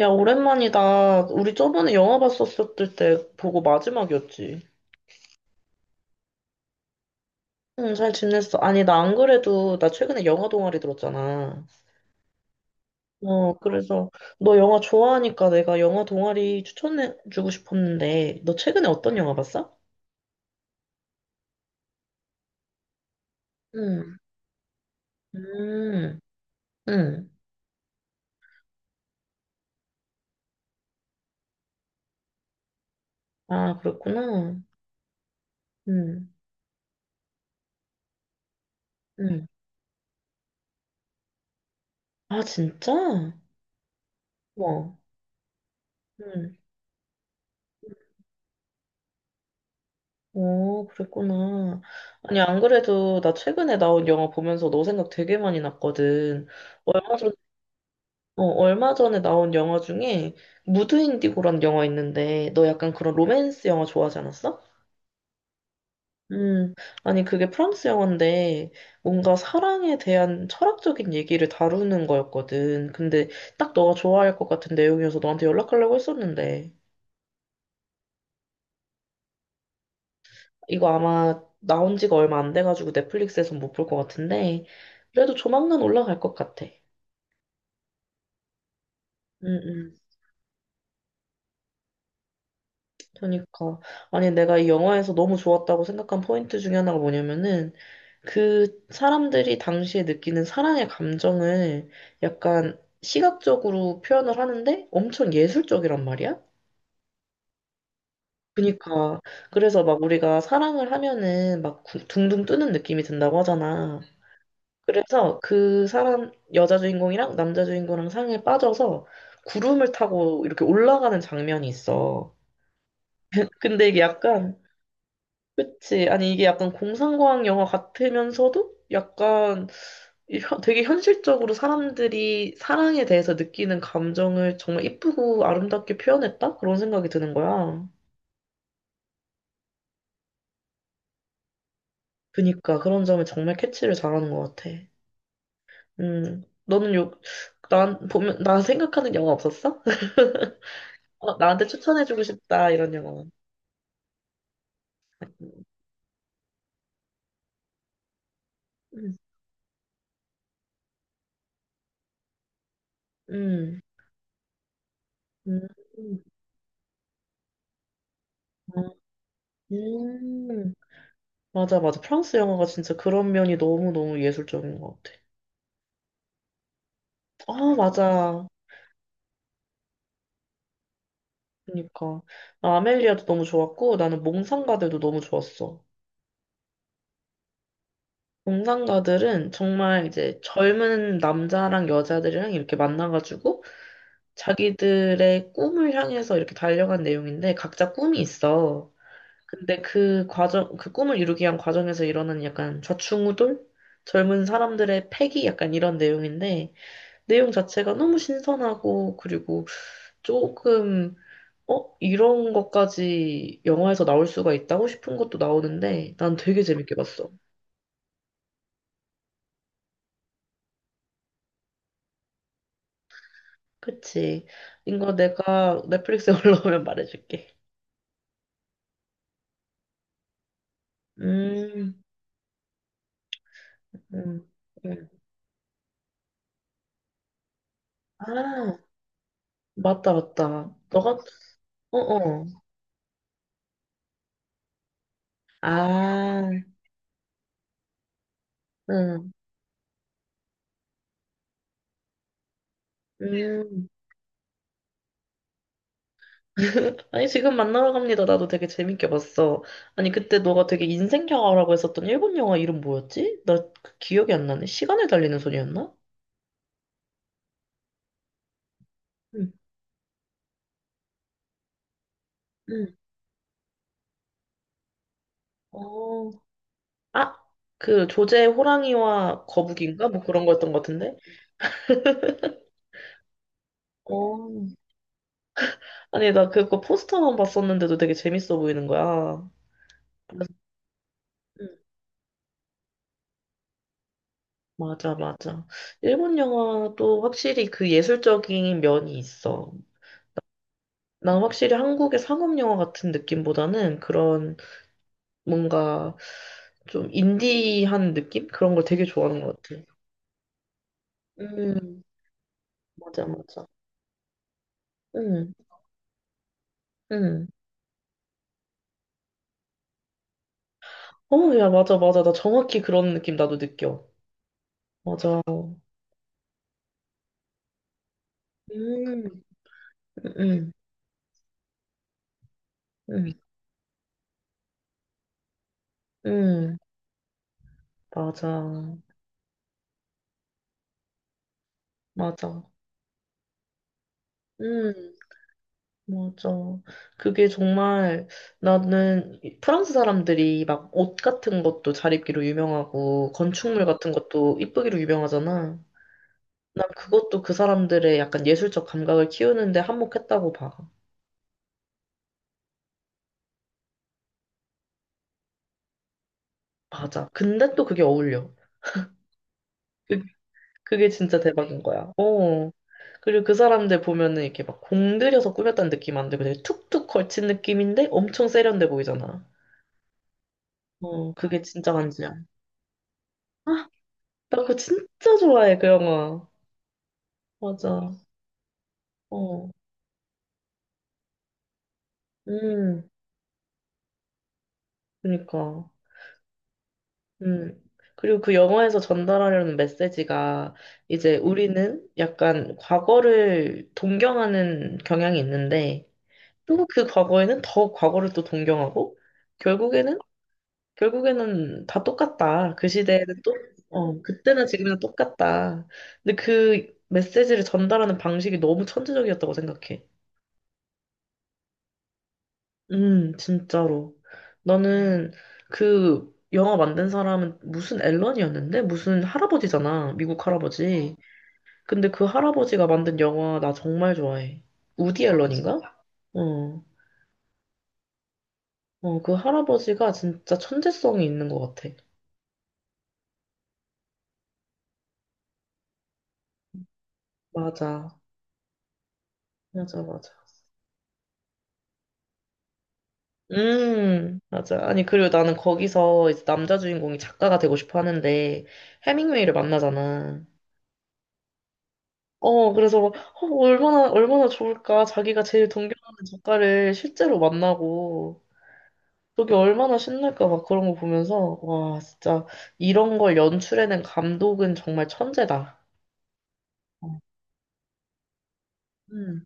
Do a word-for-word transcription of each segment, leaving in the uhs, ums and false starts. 야, 오랜만이다. 우리 저번에 영화 봤었을 때 보고 마지막이었지. 응, 잘 지냈어. 아니, 나 안 그래도 나 최근에 영화 동아리 들었잖아. 어, 그래서 너 영화 좋아하니까 내가 영화 동아리 추천해주고 싶었는데, 너 최근에 어떤 영화 봤어? 응, 음, 응. 아, 그랬구나. 응, 응. 아, 진짜? 와. 응. 어, 그랬구나. 아니, 안 그래도 나 최근에 나온 영화 보면서 너 생각 되게 많이 났거든. 얼마 전, 어, 얼마 전에 나온 영화 중에 무드 인디고라는 영화 있는데 너 약간 그런 로맨스 영화 좋아하지 않았어? 음, 아니, 그게 프랑스 영화인데 뭔가 사랑에 대한 철학적인 얘기를 다루는 거였거든. 근데 딱 너가 좋아할 것 같은 내용이어서 너한테 연락하려고 했었는데. 이거 아마 나온 지가 얼마 안 돼가지고 넷플릭스에선 못 볼 것 같은데, 그래도 조만간 올라갈 것 같아. 응, 응. 그러니까. 아니, 내가 이 영화에서 너무 좋았다고 생각한 포인트 중에 하나가 뭐냐면은, 그 사람들이 당시에 느끼는 사랑의 감정을 약간 시각적으로 표현을 하는데 엄청 예술적이란 말이야? 그니까. 그래서 막 우리가 사랑을 하면은 막 구- 둥둥 뜨는 느낌이 든다고 하잖아. 그래서 그 사람, 여자 주인공이랑 남자 주인공이랑 상에 빠져서 구름을 타고 이렇게 올라가는 장면이 있어. 근데 이게 약간, 그치, 아니 이게 약간 공상과학 영화 같으면서도 약간 이 현- 되게 현실적으로 사람들이 사랑에 대해서 느끼는 감정을 정말 이쁘고 아름답게 표현했다? 그런 생각이 드는 거야. 그니까 그런 점에 정말 캐치를 잘하는 것 같아. 음, 너는 요, 난 보면, 나 생각하는 영화 없었어? 어, 나한테 추천해주고 싶다, 이런 영화. 음, 음, 음, 음. 맞아, 맞아. 프랑스 영화가 진짜 그런 면이 너무너무 예술적인 것 같아. 아, 맞아. 그러니까. 아멜리아도 너무 좋았고, 나는 몽상가들도 너무 좋았어. 몽상가들은 정말 이제 젊은 남자랑 여자들이랑 이렇게 만나가지고, 자기들의 꿈을 향해서 이렇게 달려간 내용인데, 각자 꿈이 있어. 근데 그 과정, 그 꿈을 이루기 위한 과정에서 일어나는 약간 좌충우돌? 젊은 사람들의 패기? 약간 이런 내용인데, 내용 자체가 너무 신선하고, 그리고 조금, 어? 이런 것까지 영화에서 나올 수가 있다고 싶은 것도 나오는데, 난 되게 재밌게 봤어. 그치. 이거 내가 넷플릭스에 올라오면 말해줄게. 음, 음, 음. 아, 맞다, 맞다. 너가, 어어. 아, 응, 음. 아니, 지금 만나러 갑니다. 나도 되게 재밌게 봤어. 아니, 그때 너가 되게 인생 영화라고 했었던 일본 영화 이름 뭐였지? 나그 기억이 안 나네. 시간을 달리는 소녀였나? 응, 응. 어, 아, 그 조제 호랑이와 거북이인가? 뭐 그런 거였던 것 같은데? 어. 아니, 나 그거 포스터만 봤었는데도 되게 재밌어 보이는 거야. 그래서, 응, 맞아, 맞아. 일본 영화도 확실히 그 예술적인 면이 있어. 난 확실히 한국의 상업 영화 같은 느낌보다는 그런 뭔가 좀 인디한 느낌? 그런 걸 되게 좋아하는 것 같아. 음, 맞아, 맞아. 음, 음. 어, 야, 맞아, 맞아. 나 정확히 그런 느낌 나도 느껴. 맞아. 음, 음, 음, 음, 맞아, 맞아. 음, 맞아. 그게 정말 나는 이- 프랑스 사람들이 막 옷 같은 것도 잘 입기로 유명하고 건축물 같은 것도 이쁘기로 유명하잖아. 난 그것도 그 사람들의 약간 예술적 감각을 키우는데 한몫했다고 봐. 맞아. 근데 또 그게 어울려. 그, 그게 진짜 대박인 거야. 어. 그리고 그 사람들 보면은 이렇게 막 공들여서 꾸몄다는 느낌 안 들고 되게 툭툭 걸친 느낌인데 엄청 세련돼 보이잖아. 어, 그게 진짜 간지야. 아, 나 그거 진짜 좋아해, 그 영화. 맞아. 어. 음, 그니까. 음. 그리고 그 영화에서 전달하려는 메시지가 이제 우리는 약간 과거를 동경하는 경향이 있는데 또 그 과거에는 더 과거를 또 동경하고 결국에는 결국에는 다 똑같다. 그 시대에는 또 어, 그때나 지금이나 똑같다. 근데 그 메시지를 전달하는 방식이 너무 천재적이었다고 생각해. 음, 진짜로. 나는 그 영화 만든 사람은 무슨 앨런이었는데? 무슨 할아버지잖아. 미국 할아버지. 어, 근데 그 할아버지가 만든 영화 나 정말 좋아해. 우디 어, 앨런인가? 어. 어, 그 할아버지가 진짜 천재성이 있는 것 같아. 맞아. 맞아, 맞아. 음, 맞아. 아니, 그리고 나는 거기서 이제 남자 주인공이 작가가 되고 싶어 하는데, 해밍웨이를 만나잖아. 어, 그래서 막, 어, 얼마나, 얼마나 좋을까. 자기가 제일 동경하는 작가를 실제로 만나고, 그게 얼마나 신날까. 막 그런 거 보면서, 와, 진짜, 이런 걸 연출해낸 감독은 정말 천재다. 어. 음,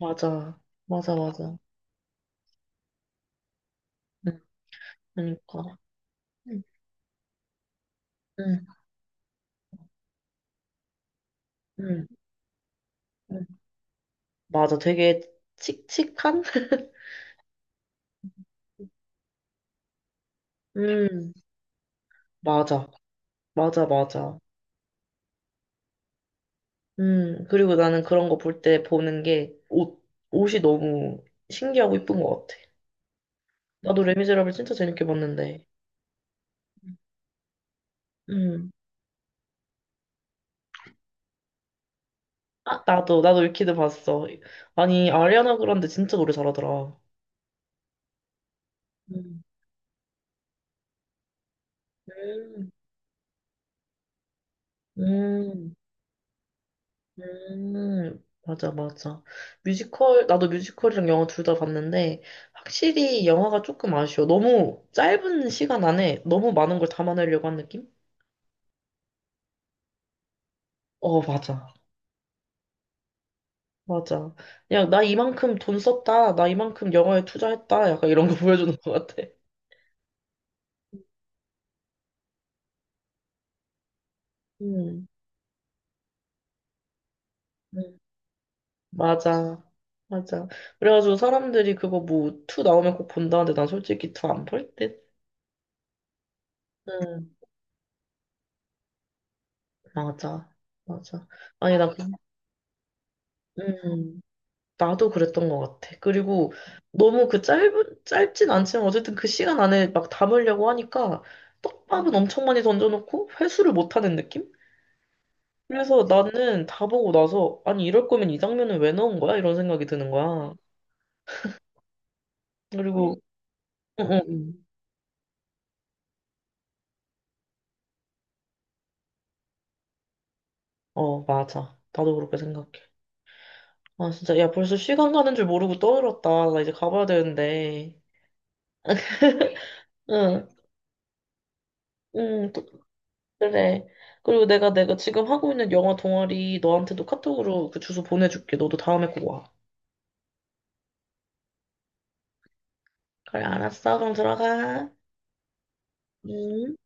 맞아. 맞아, 맞아. 음, 그러니까. 음, 음, 음. 음. 맞아. 되게 칙칙한? 음, 맞아. 맞아, 맞아. 음, 그리고 나는 그런 거 볼 때 보는 게, 옷, 옷이 너무 신기하고 이쁜 것 같아. 나도 레미제라블 진짜 재밌게 봤는데. 음. 아, 나도, 나도 위키드 봤어. 아니, 아리아나 그란데 진짜 노래 잘하더라. 음. 음, 음, 음, 맞아, 맞아. 뮤지컬, 나도 뮤지컬이랑 영화 둘 다 봤는데, 확실히 영화가 조금 아쉬워. 너무 짧은 시간 안에 너무 많은 걸 담아내려고 한 느낌? 어, 맞아, 맞아. 야, 나 이만큼 돈 썼다. 나 이만큼 영화에 투자했다. 약간 이런 거 보여주는 것 같아. 음. 음. 맞아. 맞아. 그래가지고 사람들이 그거 뭐, 투 나오면 꼭 본다는데 난 솔직히 투 안 볼 듯? 응, 맞아. 맞아. 아니, 나, 그- 음, 나도 그랬던 것 같아. 그리고 너무 그 짧은, 짧진 않지만 어쨌든 그 시간 안에 막 담으려고 하니까 떡밥은 엄청 많이 던져놓고 회수를 못하는 느낌? 그래서 나는 다 보고 나서, 아니, 이럴 거면 이 장면은 왜 넣은 거야? 이런 생각이 드는 거야. 그리고, 응, 응, 응. 어, 맞아. 나도 그렇게 생각해. 아, 진짜. 야, 벌써 시간 가는 줄 모르고 떠들었다. 나 이제 가봐야 되는데. 응, 응, 또- 그래. 그리고 내가, 내가 지금 하고 있는 영화 동아리 너한테도 카톡으로 그 주소 보내줄게. 너도 다음에 꼭 와. 그래, 알았어. 그럼 들어가. 응.